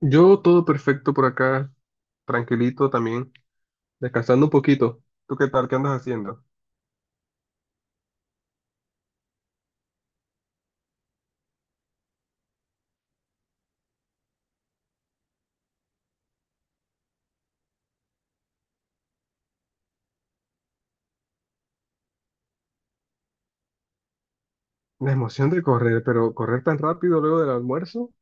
Yo todo perfecto por acá, tranquilito también, descansando un poquito. ¿Tú qué tal? ¿Qué andas haciendo? La emoción de correr, pero correr tan rápido luego del almuerzo.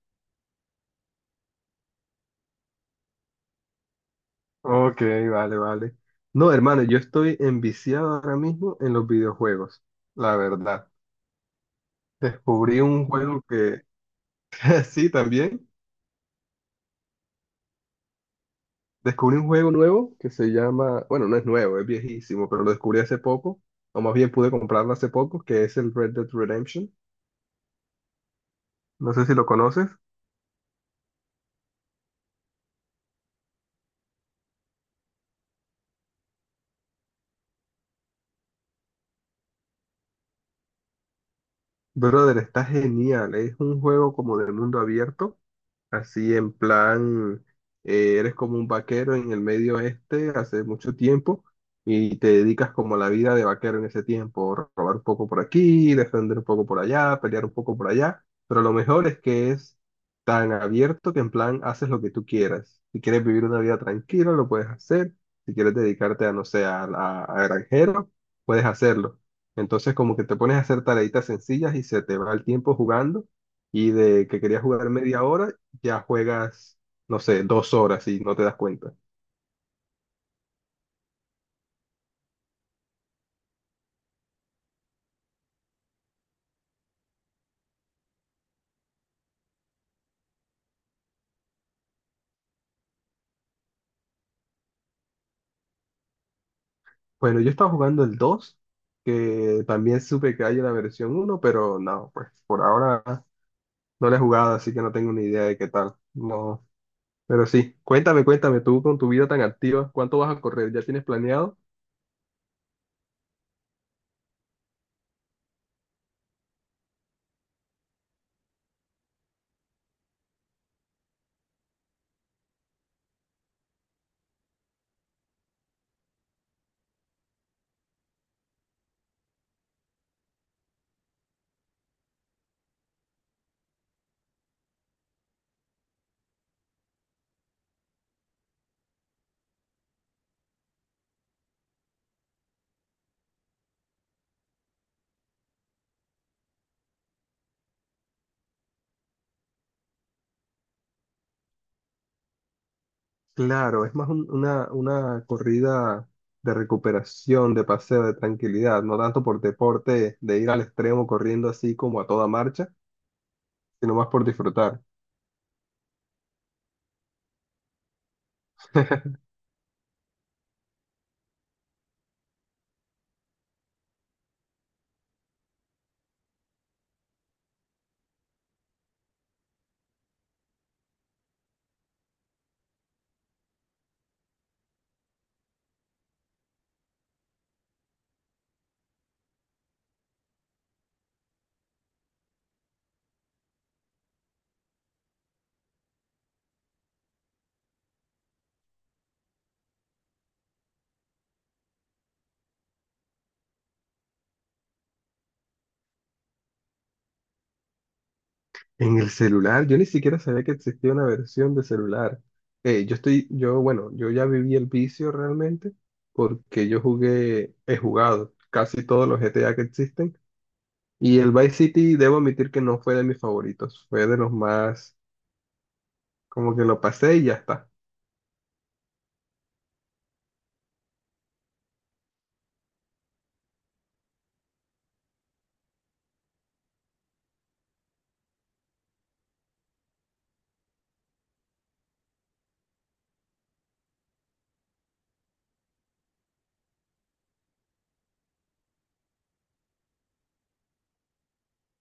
Ok, vale, vale. No, hermano, yo estoy enviciado ahora mismo en los videojuegos, la verdad. Descubrí un juego que, sí, también, descubrí un juego nuevo que se llama, bueno, no es nuevo, es viejísimo, pero lo descubrí hace poco, o más bien pude comprarlo hace poco, que es el Red Dead Redemption. No sé si lo conoces. Brother, está genial. Es un juego como de mundo abierto. Así en plan, eres como un vaquero en el medio oeste hace mucho tiempo y te dedicas como a la vida de vaquero en ese tiempo, robar un poco por aquí, defender un poco por allá, pelear un poco por allá, pero lo mejor es que es tan abierto que en plan haces lo que tú quieras. Si quieres vivir una vida tranquila, lo puedes hacer. Si quieres dedicarte a, no sé, a granjero, puedes hacerlo. Entonces como que te pones a hacer tareitas sencillas y se te va el tiempo jugando y de que querías jugar media hora ya juegas, no sé, dos horas y no te das cuenta. Bueno, yo estaba jugando el 2 que también supe que hay una versión uno, pero no, pues por ahora no la he jugado, así que no tengo ni idea de qué tal. No, pero sí, cuéntame, cuéntame tú con tu vida tan activa, ¿cuánto vas a correr? ¿Ya tienes planeado? Claro, es más una corrida de recuperación, de paseo, de tranquilidad, no tanto por deporte, de ir al extremo corriendo así como a toda marcha, sino más por disfrutar. En el celular, yo ni siquiera sabía que existía una versión de celular. Bueno, yo ya viví el vicio realmente porque he jugado casi todos los G T A que existen y el Vice City debo admitir que no fue de mis favoritos, fue de los más, como que lo pasé y ya está.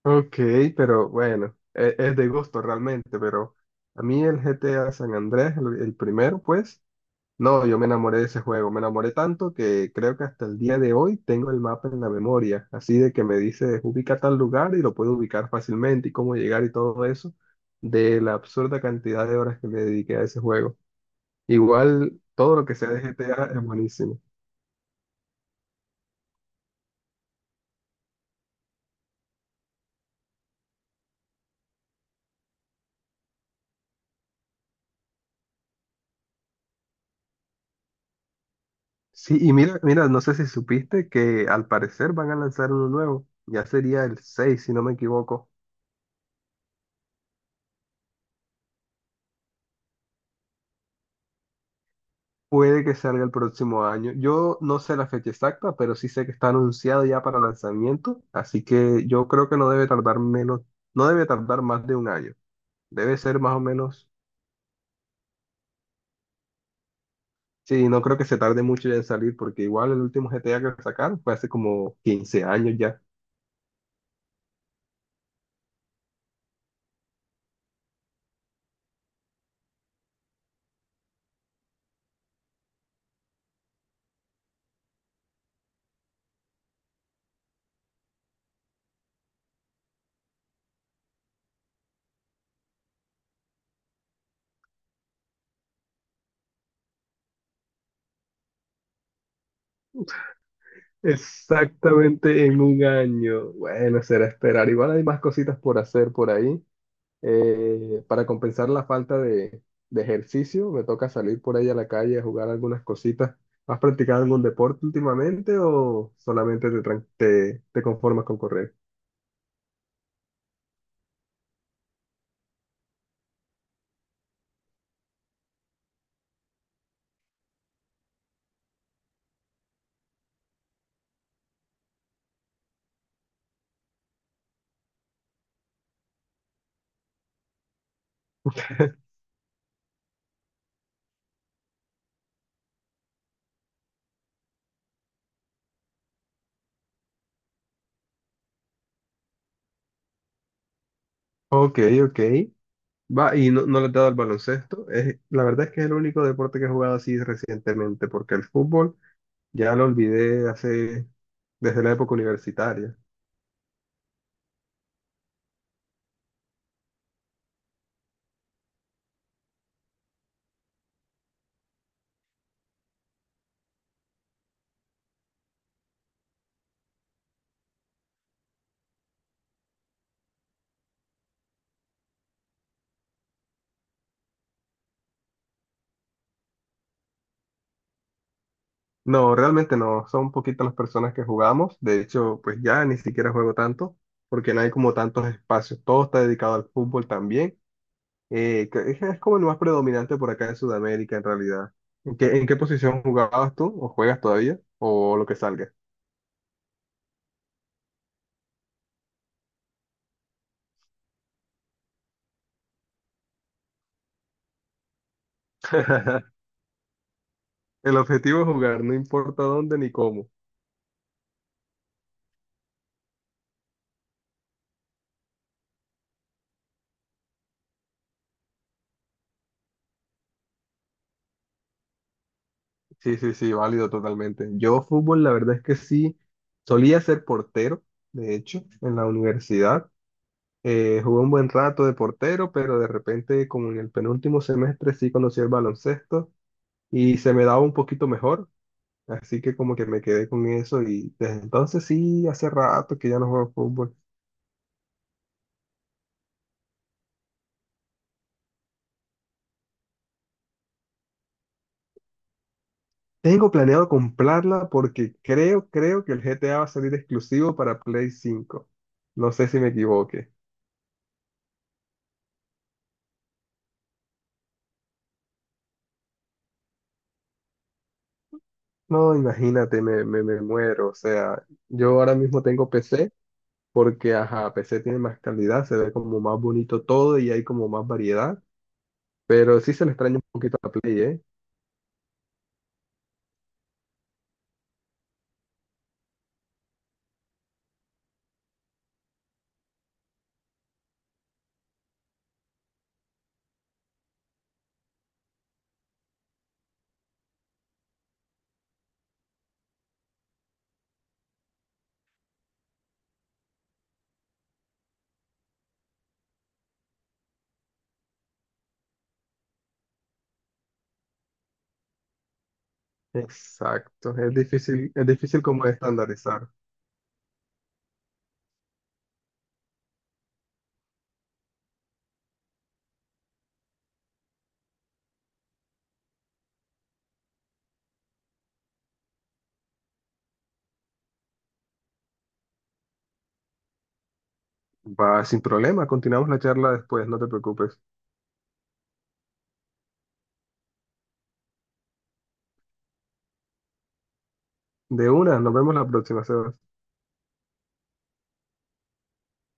Ok, pero bueno, de gusto realmente, pero a mí el G T A San Andrés, el primero, pues, no, yo me enamoré de ese juego, me enamoré tanto que creo que hasta el día de hoy tengo el mapa en la memoria, así de que me dice ubica tal lugar y lo puedo ubicar fácilmente y cómo llegar y todo eso, de la absurda cantidad de horas que le dediqué a ese juego. Igual todo lo que sea de GTA es buenísimo. Sí, y mira, mira, no sé si supiste que al parecer van a lanzar uno nuevo, ya sería el 6, si no me equivoco. Puede que salga el próximo año. Yo no sé la fecha exacta, pero sí sé que está anunciado ya para lanzamiento, así que yo creo que no debe tardar menos, no debe tardar más de un año. Debe ser más o menos, sí, no creo que se tarde mucho ya en salir, porque igual el último GTA que sacaron fue hace como 15 años ya. Exactamente en un año. Bueno, será esperar. Igual hay más cositas por hacer por ahí. Para compensar la falta de ejercicio, me toca salir por ahí a la calle a jugar algunas cositas. ¿Has practicado algún deporte últimamente o solamente te conformas con correr? Ok, ok. Va, y no, no le he dado al baloncesto. Es, la verdad es que es el único deporte que he jugado así recientemente, porque el fútbol ya lo olvidé hace, desde la época universitaria. No, realmente no. Son poquitas las personas que jugamos. De hecho, pues ya ni siquiera juego tanto, porque no hay como tantos espacios. Todo está dedicado al fútbol también. Que es como el más predominante por acá en Sudamérica, en realidad. En qué posición jugabas tú? ¿O juegas todavía? ¿O lo que salga? El objetivo es jugar, no importa dónde ni cómo. Sí, sí, sí, válido totalmente. Yo fútbol, la verdad es que sí, solía ser portero, de hecho, en la universidad. Jugué un buen rato de portero, pero de repente, como en el penúltimo semestre, sí conocí el baloncesto y se me daba un poquito mejor. Así que como que me quedé con eso y desde entonces sí, hace rato que ya no juego fútbol. Tengo planeado comprarla porque creo que el GTA va a salir exclusivo para Play 5. No sé si me equivoque. No, imagínate, me muero. O sea, yo ahora mismo tengo PC porque, ajá, PC tiene más calidad, se ve como más bonito todo y hay como más variedad. Pero sí se le extraña un poquito a la Play, ¿eh? Exacto. Es difícil como estandarizar. Va, sin problema. Continuamos la charla después, no te preocupes. De una, nos vemos la próxima, Sebas.